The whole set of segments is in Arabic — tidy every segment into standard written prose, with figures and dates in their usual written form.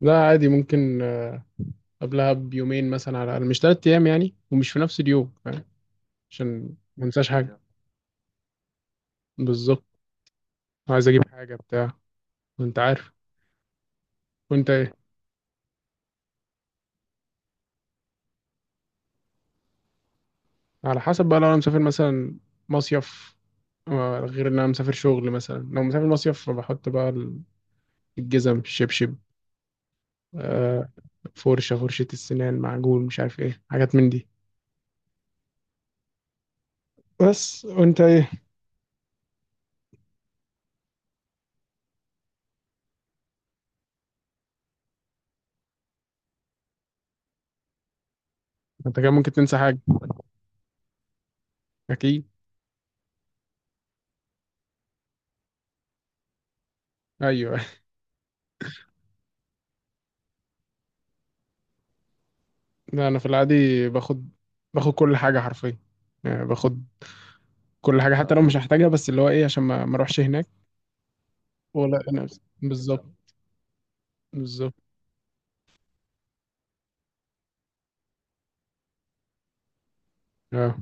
لا، عادي ممكن. قبلها بيومين مثلا على الأقل، مش تلات أيام يعني، ومش في نفس اليوم. فاهم؟ عشان ما انساش حاجة. بالظبط. عايز أجيب حاجة بتاع. وأنت عارف. وأنت إيه؟ على حسب بقى. لو أنا مسافر مثلا مصيف، غير إن أنا مسافر شغل. مثلا لو مسافر مصيف، فبحط بقى الجزم، الشبشب، آه، فرشة السنان، معجون، مش عارف إيه، حاجات من دي. بس. وأنت إيه؟ أنت كمان ممكن تنسى حاجة. أكيد. أيوه. لا، أنا في العادي باخد كل حاجة حرفيا. يعني باخد كل حاجه حتى لو مش هحتاجها، بس اللي هو ايه، عشان ما اروحش هناك. ولا انا. بالظبط. بالظبط. اه.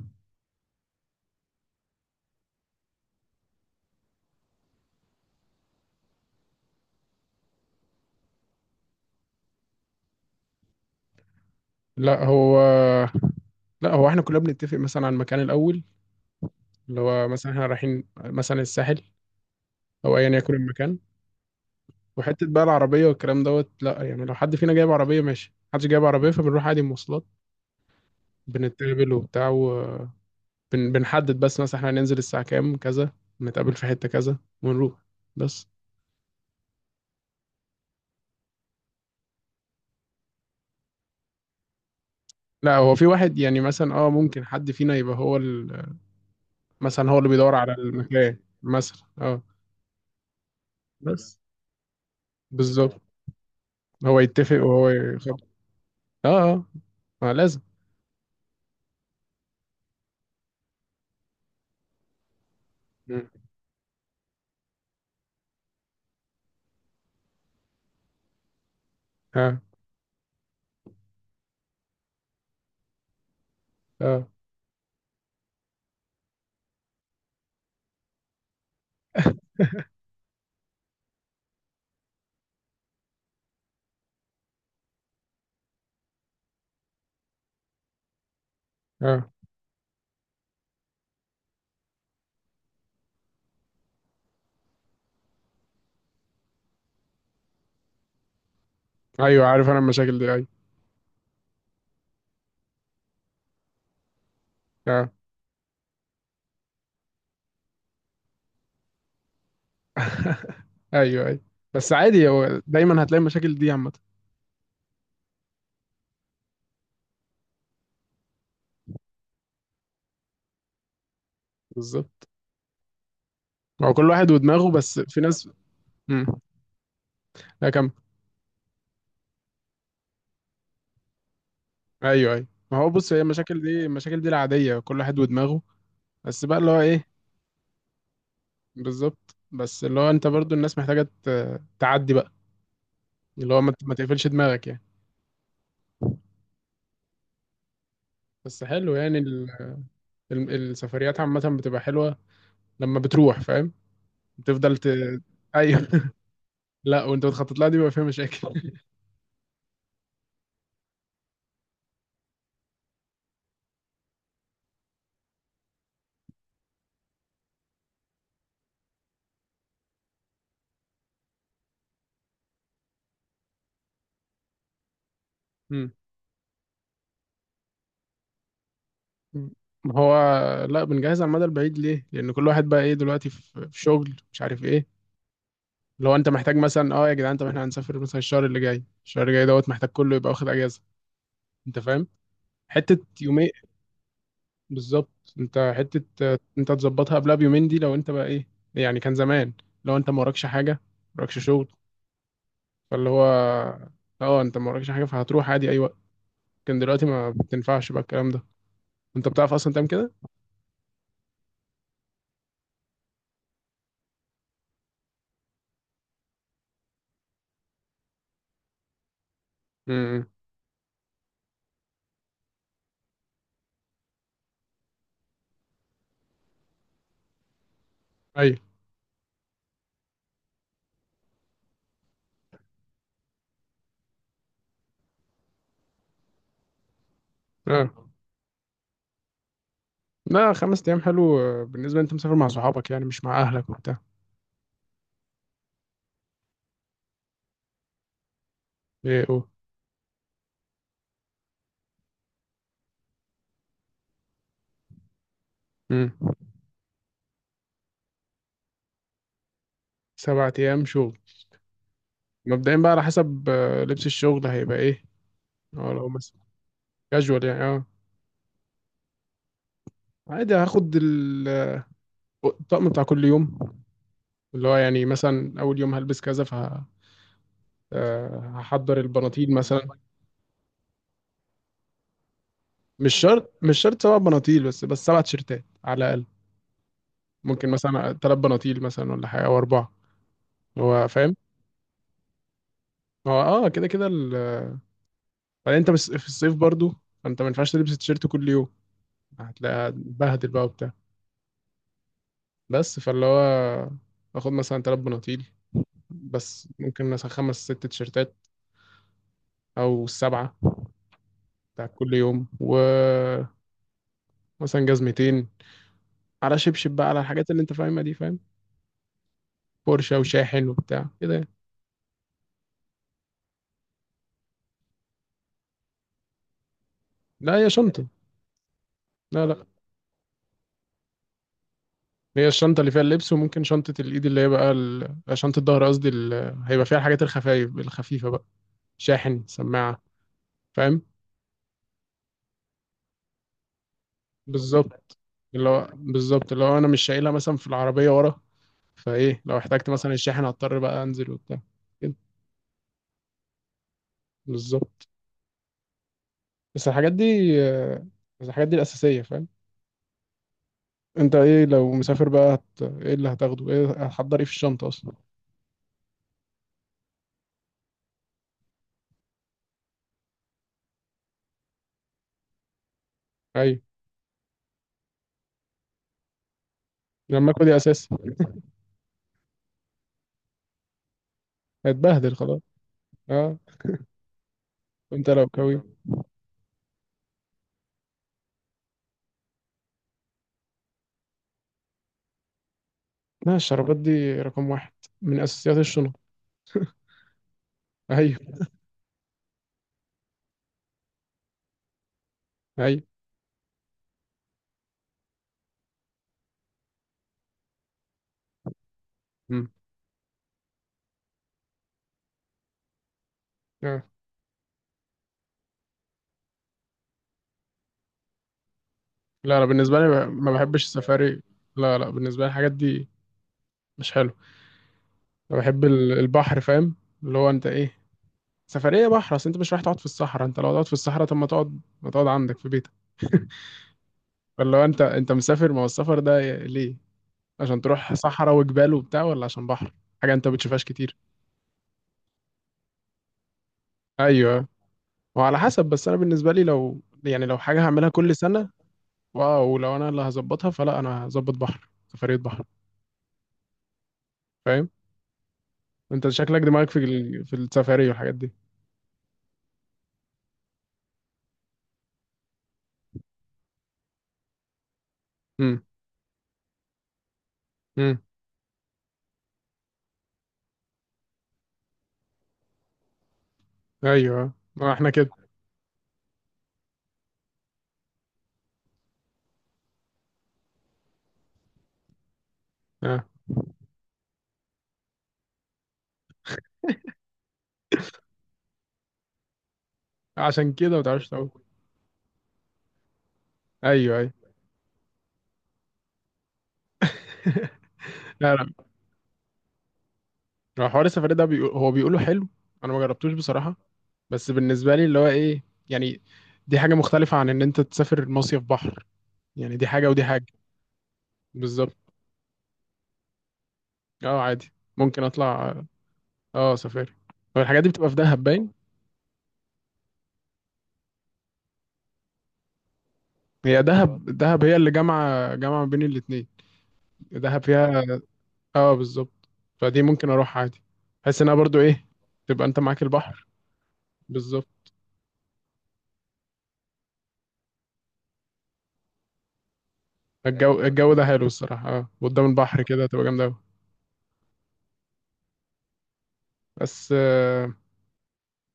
لا هو لا هو احنا كلنا بنتفق مثلا على المكان الاول. اللي هو مثلا احنا رايحين مثلا الساحل، او ايا يكن المكان. وحته بقى العربيه والكلام دوت، لا يعني، لو حد فينا جايب عربيه ماشي، محدش جايب عربيه فبنروح عادي مواصلات. بنتقابل وبتاع، وبنحدد بس مثلا احنا هننزل الساعه كام، كذا، نتقابل في حته كذا ونروح. بس. لا هو في واحد يعني، مثلا ممكن حد فينا يبقى هو، مثلا هو اللي بيدور على المكان مثلا. اه. بس. بالظبط. هو يتفق وهو يخبط. اه اه، ما لازم. مم. اه اه. اه. ايوه، عارف انا المشاكل دي. ايوه. اه. ايوه ايوه. بس عادي، هو دايما هتلاقي المشاكل دي عامه. بالظبط. ما هو كل واحد ودماغه. بس في ناس. امم. لا كم. ايوه ايوه. ما هو بص، هي المشاكل دي، المشاكل دي العاديه، كل واحد ودماغه. بس بقى اللي هو ايه؟ بالظبط. بس اللي هو انت برضو، الناس محتاجه تعدي بقى. اللي هو ما تقفلش دماغك يعني. بس حلو يعني السفريات عامة بتبقى حلوة. لما بتروح فاهم، بتفضل ايوه. لا، وانت بتخطط لها دي بيبقى فيها مشاكل. مم. ما هو لا، بنجهز على المدى البعيد. ليه؟ لأن كل واحد بقى ايه دلوقتي، في شغل، مش عارف ايه. لو انت محتاج مثلا، يا جدعان، طب احنا هنسافر مثلا الشهر اللي جاي. الشهر اللي جاي دوت محتاج كله يبقى واخد اجازة. انت فاهم؟ حتة يومين. بالظبط، انت حتة. انت تظبطها قبلها بيومين، دي لو انت بقى ايه. يعني كان زمان، لو انت ما وراكش حاجة، ما وراكش شغل، فاللي هو اه انت ما وراكش حاجه فهتروح عادي اي وقت. لكن دلوقتي ما بتنفعش بقى الكلام ده. انت بتعرف اصلا تعمل كده. امم. ايوه. اه. لا، خمس ايام حلو. بالنسبه انت مسافر مع صحابك يعني، مش مع اهلك وبتاع. ايه. اوه. امم. سبعة ايام شغل. مبدئيا بقى، على حسب لبس الشغل هيبقى ايه. اه لو مثلا، كاجوال يعني. اه. عادي، هاخد الطقم بتاع كل يوم. اللي هو يعني مثلا، اول يوم هلبس كذا ف هحضر البناطيل مثلا. مش شرط سبع بناطيل، بس سبع تيشيرتات على الاقل. ممكن مثلا ثلاث بناطيل مثلا، ولا حاجه او اربعه. هو فاهم. هو كده كده بعدين انت بس في الصيف برضو، فانت ما ينفعش تلبس تيشيرت كل يوم. هتلاقي هتبهدل بقى وبتاع. بس فاللي هو، باخد مثلا ثلاث بناطيل، بس ممكن مثلا خمس ست تيشيرتات، او السبعه بتاع كل يوم. ومثلا جزمتين، على شبشب بقى، على الحاجات اللي انت فاهمها دي. فاهم. بورشه وشاحن وبتاع كده يعني. لا، هي شنطه. لا لا. هي الشنطة اللي فيها اللبس، وممكن شنطة الإيد اللي هي بقى ال... آه، شنطة الظهر قصدي هيبقى فيها الحاجات الخفايف الخفيفة بقى، شاحن، سماعة. فاهم. بالظبط. اللي هو بالظبط، اللي هو أنا مش شايلها مثلا في العربية ورا. فإيه، لو احتجت مثلا الشاحن، هضطر بقى أنزل وبتاع. كده. بالظبط. بس الحاجات دي آه، بس الحاجات دي الأساسية. فاهم. أنت إيه لو مسافر بقى إيه اللي هتاخده، إيه هتحضر، إيه في الشنطة أصلا؟ أيوة. لما دي أساسي. هتبهدل خلاص. أه. وأنت لو كوي. لا، الشرابات دي رقم واحد، من أساسيات الشنط. أيوه أيوه. مم. آه. لا، أنا بالنسبة لي ما بحبش السفاري. لا لا، بالنسبة لي الحاجات دي مش حلو. أنا بحب البحر. فاهم. اللي هو أنت إيه؟ سفرية بحر، أصل أنت مش رايح تقعد في الصحراء. أنت لو تقعد في الصحراء، طب ما تقعد عندك في بيتك. فاللي هو أنت مسافر، ما هو السفر ده ليه؟ عشان تروح صحراء وجبال وبتاع، ولا عشان بحر؟ حاجة أنت ما بتشوفهاش كتير. أيوه. وعلى حسب. بس أنا بالنسبة لي، لو حاجة هعملها كل سنة، واو، لو انا اللي هظبطها فلا، انا هظبط بحر. سفرية بحر. فاهم. انت شكلك دماغك في السفاري والحاجات دي. امم. امم. ايوه، ما احنا كده. آه. عشان كده ما تعرفش تقول. ايوه ايوه. لا لا. هو حوار السفاري ده بيقول... هو بيقوله حلو. انا ما جربتوش بصراحة. بس بالنسبة لي اللي هو ايه، يعني، دي حاجة مختلفة عن ان انت تسافر مصيف بحر. يعني دي حاجة ودي حاجة. بالظبط. اه، عادي ممكن اطلع. اه سفاري. هو الحاجات دي بتبقى في دهب باين. هي دهب، دهب هي اللي جامعة، جامعة بين الاتنين. دهب فيها، اه، بالظبط. فدي ممكن اروح عادي، بحيث انها برضو ايه، تبقى انت معاك البحر. بالظبط. الجو ده حلو الصراحه، قدام البحر كده تبقى جامده قوي. بس،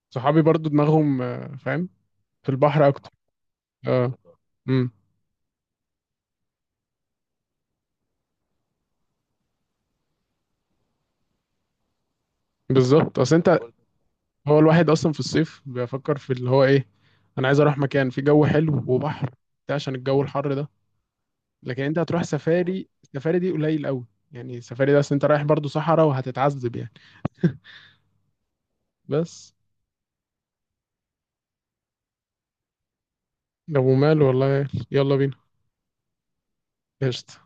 صحابي برضو دماغهم فاهم، في البحر اكتر. اه. امم. بالظبط، اصل انت. هو الواحد اصلا في الصيف بيفكر في اللي هو ايه، انا عايز اروح مكان فيه جو حلو وبحر. ده عشان الجو الحر ده. لكن انت هتروح سفاري، السفاري دي قليل قوي. يعني السفاري ده، اصل انت رايح برضو صحراء، وهتتعذب يعني. بس. لو مال والله يلا بينا. قشطة.